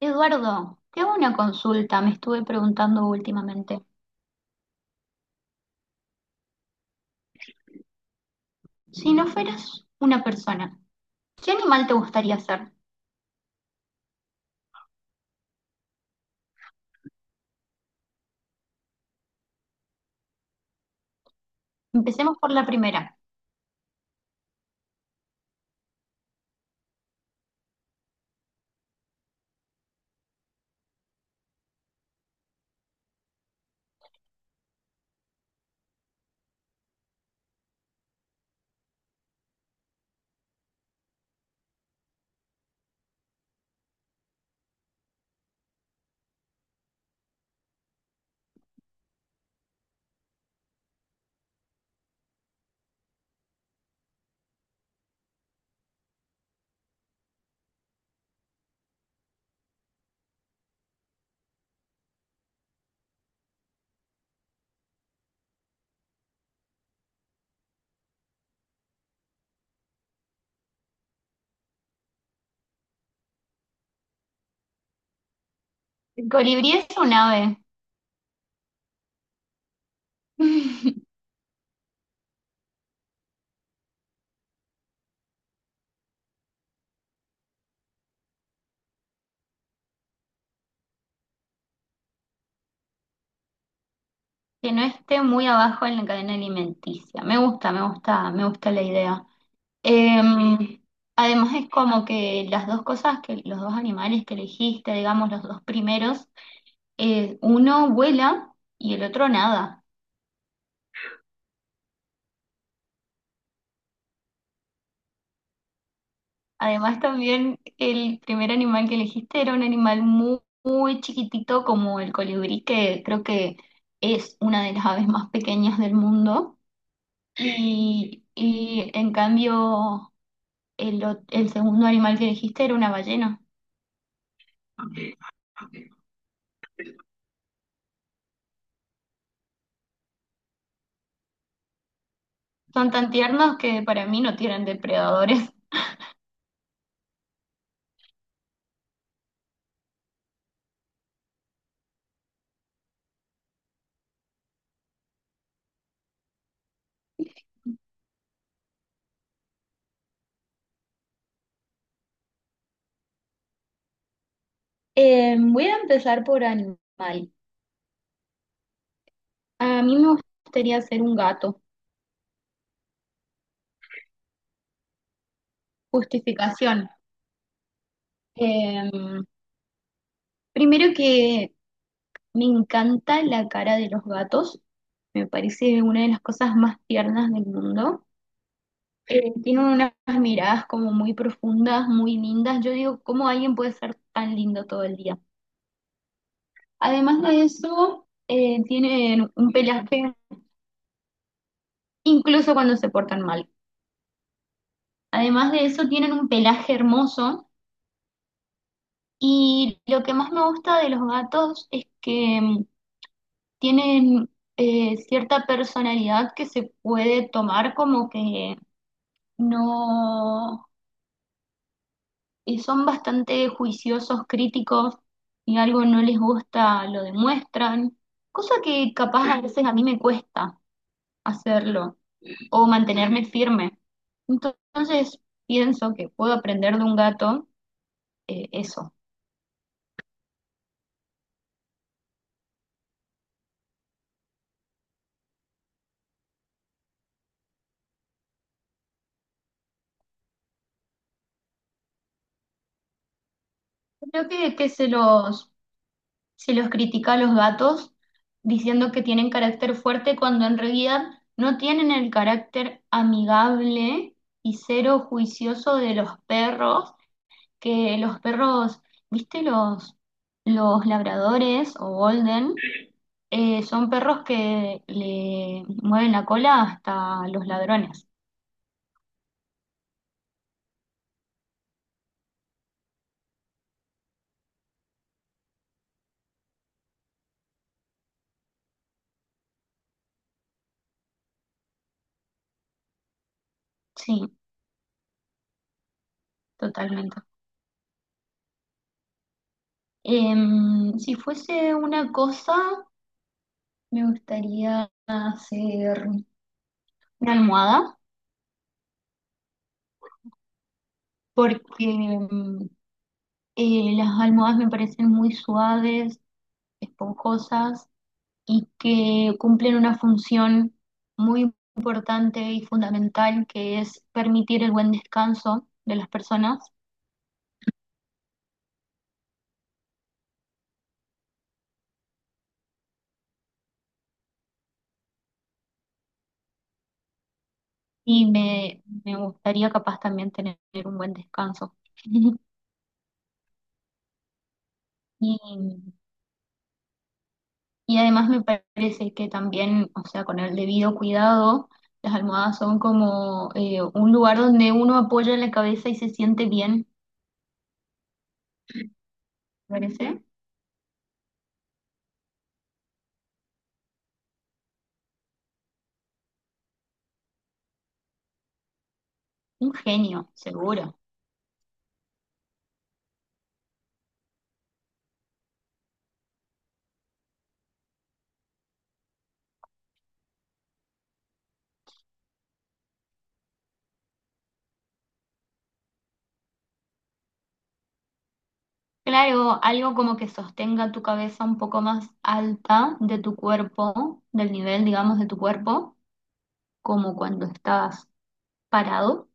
Eduardo, te hago una consulta, me estuve preguntando últimamente. Si no fueras una persona, ¿qué animal te gustaría ser? Empecemos por la primera. El colibrí es un ave. Que no esté muy abajo en la cadena alimenticia. Me gusta, me gusta, me gusta la idea. Em, Además es como que las dos cosas que los dos animales que elegiste, digamos los dos primeros, uno vuela y el otro nada. Además, también el primer animal que elegiste era un animal muy, muy chiquitito como el colibrí, que creo que es una de las aves más pequeñas del mundo. Y en cambio, el segundo animal que elegiste era una ballena. Son tan tiernos que para mí no tienen depredadores. Voy a empezar por animal. A mí me gustaría ser un gato. Justificación. Em, Primero que me encanta la cara de los gatos, me parece una de las cosas más tiernas del mundo. Tienen unas miradas como muy profundas, muy lindas. Yo digo, ¿cómo alguien puede ser tan lindo todo el día? Además de eso, tienen un pelaje, incluso cuando se portan mal. Además de eso, tienen un pelaje hermoso. Y lo que más me gusta de los gatos es que tienen cierta personalidad que se puede tomar como que no, son bastante juiciosos, críticos, y algo no les gusta, lo demuestran, cosa que capaz a veces a mí me cuesta hacerlo o mantenerme firme. Entonces pienso que puedo aprender de un gato, eso. Creo que, se los critica a los gatos diciendo que tienen carácter fuerte cuando en realidad no tienen el carácter amigable y cero juicioso de los perros, que los perros, ¿viste los labradores o golden? Son perros que le mueven la cola hasta los ladrones. Sí, totalmente. Si fuese una cosa, me gustaría hacer una almohada, porque las almohadas me parecen muy suaves, esponjosas y que cumplen una función muy importante y fundamental que es permitir el buen descanso de las personas y me gustaría capaz también tener un buen descanso. Y, y además me parece que también, o sea, con el debido cuidado, las almohadas son como un lugar donde uno apoya la cabeza y se siente bien, me parece un genio, seguro. Claro, algo como que sostenga tu cabeza un poco más alta de tu cuerpo, del nivel, digamos, de tu cuerpo, como cuando estás parado.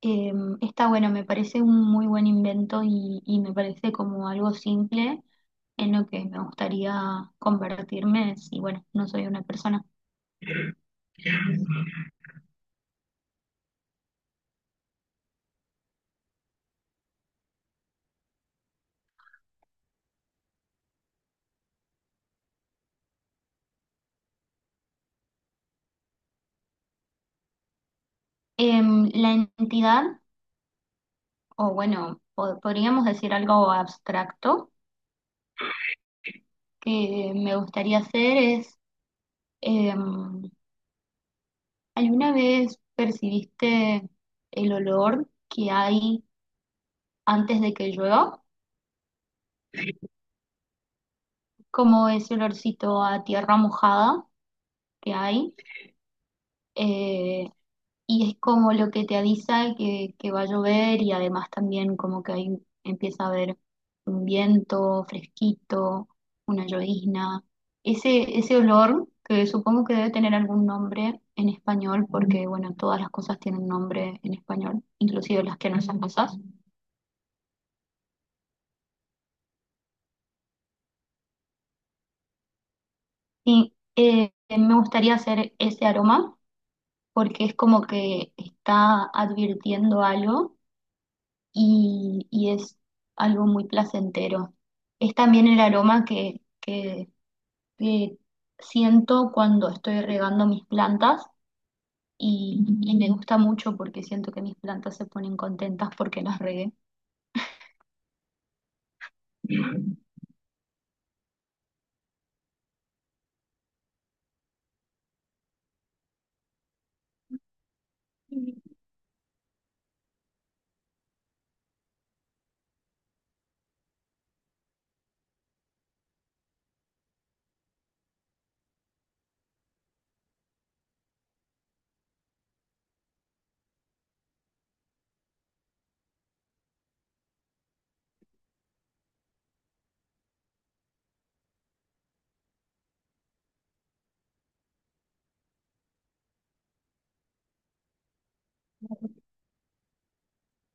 Eh, Está bueno, me parece un muy buen invento y me parece como algo simple en lo que me gustaría convertirme si, bueno, no soy una persona. La entidad, o bueno, podríamos decir algo abstracto que me gustaría hacer es... em, ¿alguna vez percibiste el olor que hay antes de que llueva? Como ese olorcito a tierra mojada que hay. Eh, y es como lo que te avisa que va a llover y además también como que ahí empieza a haber un viento fresquito, una llovizna. Ese olor que supongo que debe tener algún nombre en español porque bueno, todas las cosas tienen nombre en español, inclusive las que no son cosas. Sí, me gustaría hacer ese aroma porque es como que está advirtiendo algo y es algo muy placentero. Es también el aroma que siento cuando estoy regando mis plantas y me gusta mucho porque siento que mis plantas se ponen contentas porque las regué.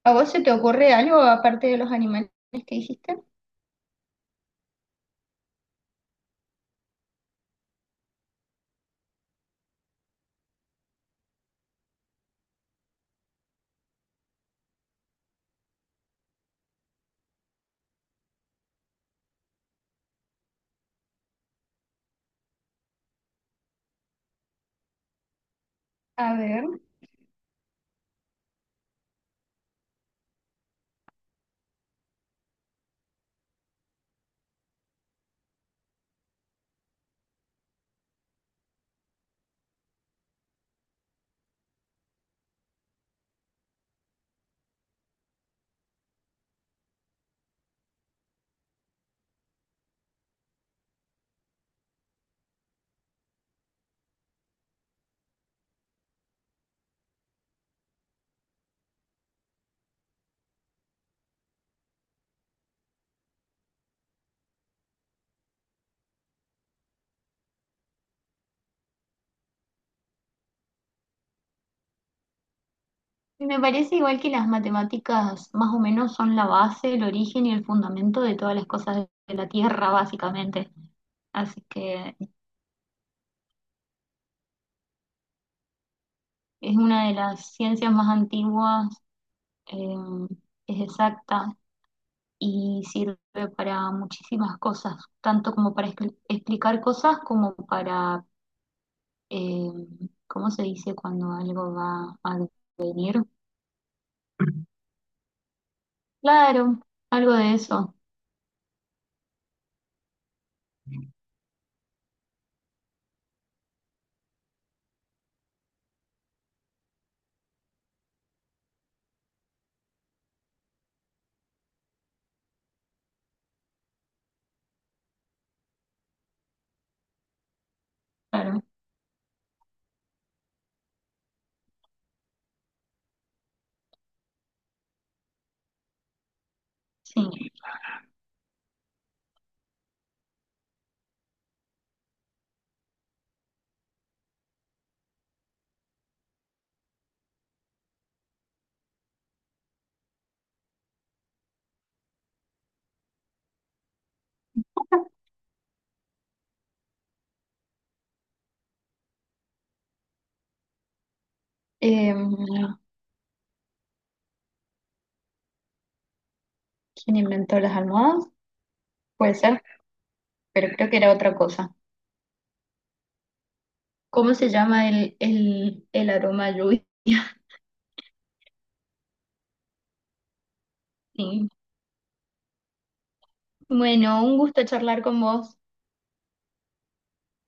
¿A vos se te ocurre algo aparte de los animales que dijiste? A ver. Y me parece igual que las matemáticas más o menos son la base, el origen y el fundamento de todas las cosas de la Tierra, básicamente. Así que es una de las ciencias más antiguas, eh, es exacta y sirve para muchísimas cosas, tanto como para explicar cosas como para, eh, ¿cómo se dice cuando algo va a venir? Claro, algo de eso, claro, sí. Em, ¿quién inventó las almohadas? Puede ser, pero creo que era otra cosa. ¿Cómo se llama el aroma a lluvia? Sí. Bueno, un gusto charlar con vos.